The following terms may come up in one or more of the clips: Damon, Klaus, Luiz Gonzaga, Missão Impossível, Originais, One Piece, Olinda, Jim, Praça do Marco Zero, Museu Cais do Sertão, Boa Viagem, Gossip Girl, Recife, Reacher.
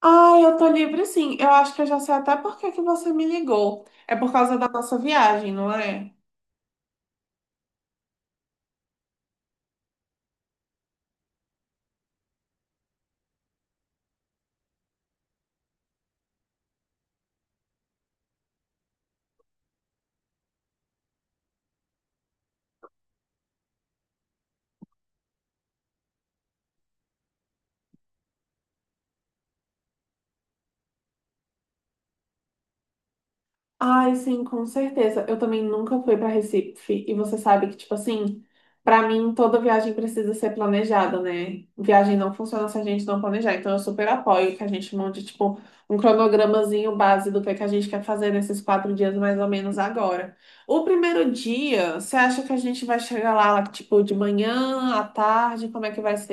Ah, eu tô livre sim. Eu acho que eu já sei até por que que você me ligou. É por causa da nossa viagem, não é? Ai, sim, com certeza. Eu também nunca fui para Recife e você sabe que, tipo assim, para mim toda viagem precisa ser planejada, né? Viagem não funciona se a gente não planejar. Então eu super apoio que a gente monte, tipo, um cronogramazinho base do que é que a gente quer fazer nesses 4 dias mais ou menos agora. O primeiro dia, você acha que a gente vai chegar lá, tipo, de manhã, à tarde? Como é que vai ser?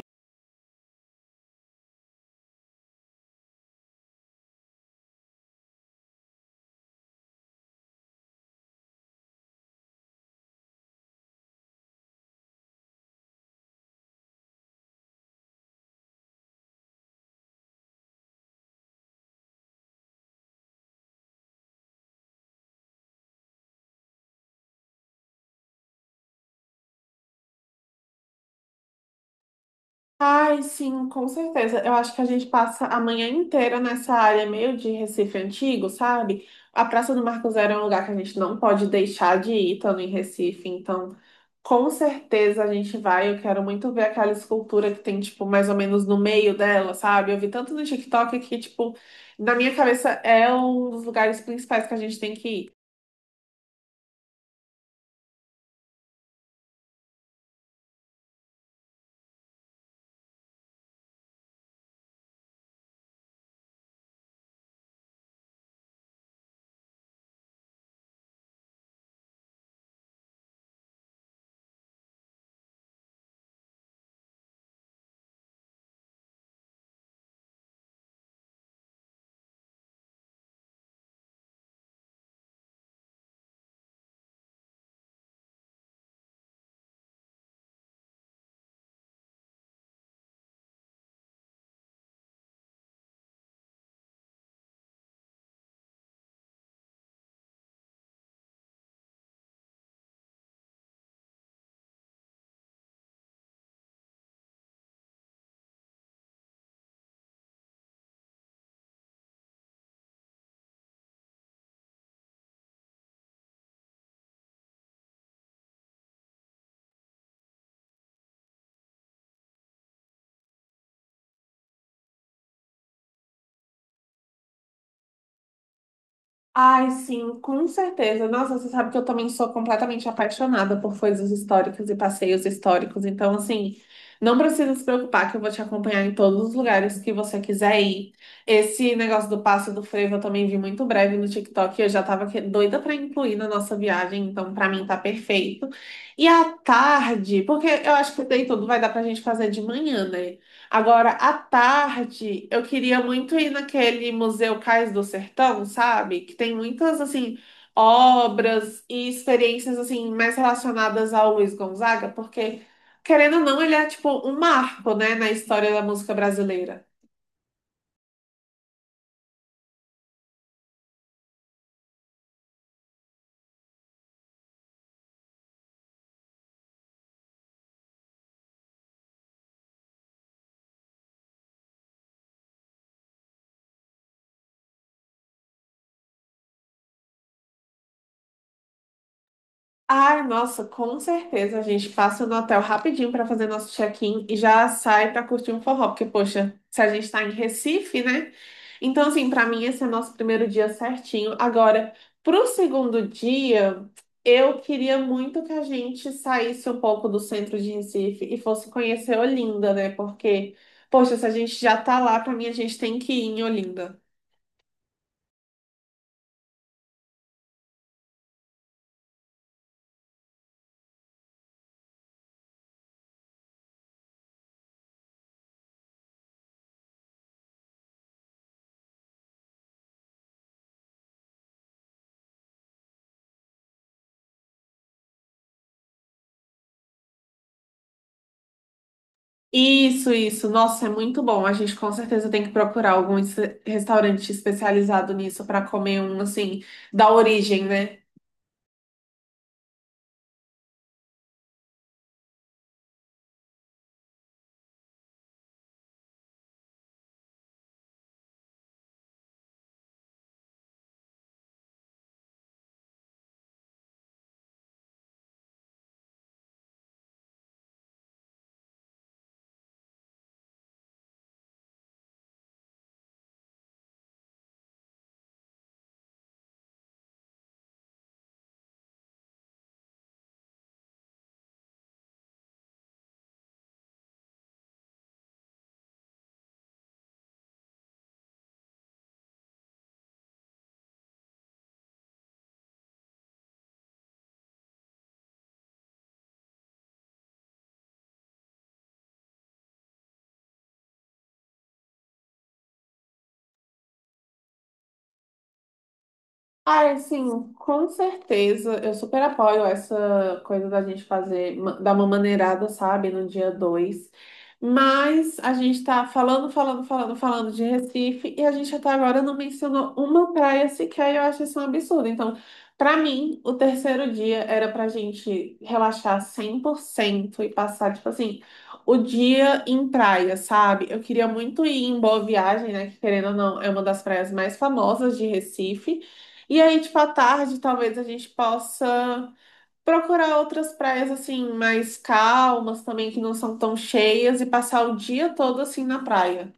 Ai, sim, com certeza. Eu acho que a gente passa a manhã inteira nessa área meio de Recife antigo, sabe? A Praça do Marco Zero é um lugar que a gente não pode deixar de ir estando em Recife, então com certeza a gente vai. Eu quero muito ver aquela escultura que tem, tipo, mais ou menos no meio dela, sabe? Eu vi tanto no TikTok que, tipo, na minha cabeça é um dos lugares principais que a gente tem que ir. Ai, sim, com certeza. Nossa, você sabe que eu também sou completamente apaixonada por coisas históricas e passeios históricos. Então, assim, não precisa se preocupar que eu vou te acompanhar em todos os lugares que você quiser ir. Esse negócio do passo do frevo eu também vi muito breve no TikTok. E eu já tava doida pra incluir na nossa viagem, então pra mim tá perfeito. E à tarde, porque eu acho que daí tudo vai dar pra gente fazer de manhã, né? Agora, à tarde, eu queria muito ir naquele Museu Cais do Sertão, sabe? Que tem muitas, assim, obras e experiências, assim, mais relacionadas ao Luiz Gonzaga, porque, querendo ou não, ele é, tipo, um marco, né, na história da música brasileira. Ai, nossa, com certeza a gente passa no hotel rapidinho para fazer nosso check-in e já sai para curtir um forró, porque, poxa, se a gente tá em Recife, né? Então, assim, pra mim esse é o nosso primeiro dia certinho. Agora, pro segundo dia, eu queria muito que a gente saísse um pouco do centro de Recife e fosse conhecer Olinda, né? Porque, poxa, se a gente já tá lá, pra mim a gente tem que ir em Olinda. Isso, isso. Nossa, é muito bom. A gente com certeza tem que procurar algum restaurante especializado nisso pra comer um, assim, da origem, né? Ai, sim, com certeza. Eu super apoio essa coisa da gente fazer, dar uma maneirada, sabe, no dia 2. Mas a gente tá falando, falando, falando, falando de Recife e a gente até agora não mencionou uma praia sequer e eu acho isso um absurdo. Então, pra mim, o terceiro dia era pra gente relaxar 100% e passar, tipo assim, o dia em praia, sabe? Eu queria muito ir em Boa Viagem, né? Que querendo ou não, é uma das praias mais famosas de Recife. E aí, tipo, à tarde, talvez a gente possa procurar outras praias, assim, mais calmas também, que não são tão cheias, e passar o dia todo, assim, na praia.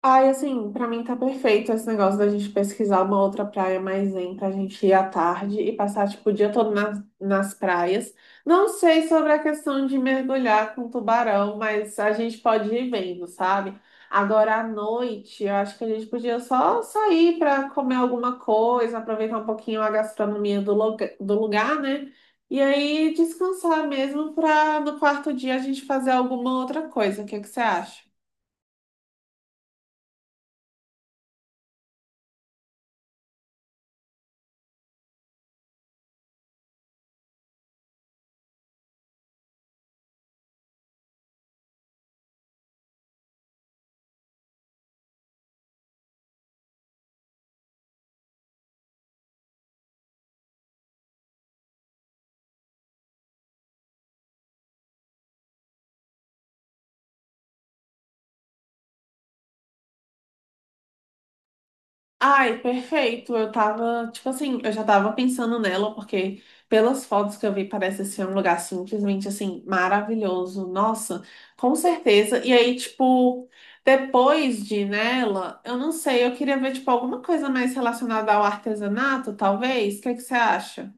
Ai, assim, pra mim tá perfeito esse negócio da gente pesquisar uma outra praia mais zen pra gente ir à tarde e passar, tipo, o dia todo nas praias. Não sei sobre a questão de mergulhar com tubarão, mas a gente pode ir vendo, sabe? Agora à noite, eu acho que a gente podia só sair pra comer alguma coisa, aproveitar um pouquinho a gastronomia do, do lugar, né? E aí descansar mesmo pra no quarto dia a gente fazer alguma outra coisa. O que é que você acha? Ai, perfeito. Eu tava, tipo assim, eu já tava pensando nela, porque pelas fotos que eu vi, parece ser um lugar simplesmente assim, maravilhoso. Nossa, com certeza. E aí, tipo, depois de ir nela, eu não sei, eu queria ver, tipo, alguma coisa mais relacionada ao artesanato, talvez. O que que você acha?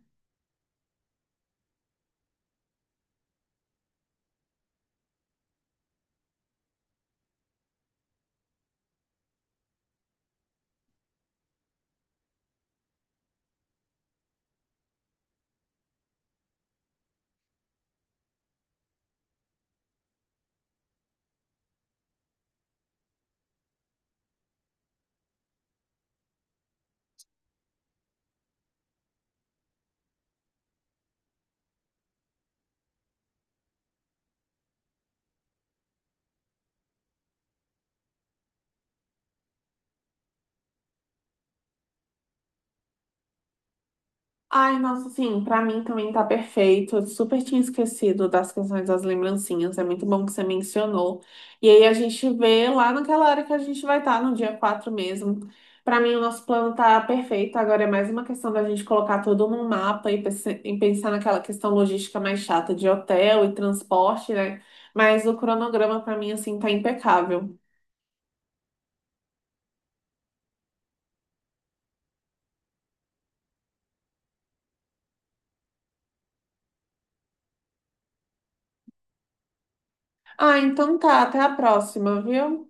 Ai, nossa, sim, pra mim também tá perfeito. Eu super tinha esquecido das questões das lembrancinhas. É muito bom que você mencionou. E aí a gente vê lá naquela hora que a gente vai estar, no dia 4 mesmo. Pra mim, o nosso plano tá perfeito. Agora é mais uma questão da gente colocar tudo num mapa e e pensar naquela questão logística mais chata de hotel e transporte, né? Mas o cronograma pra mim, assim, tá impecável. Ah, então tá. Até a próxima, viu?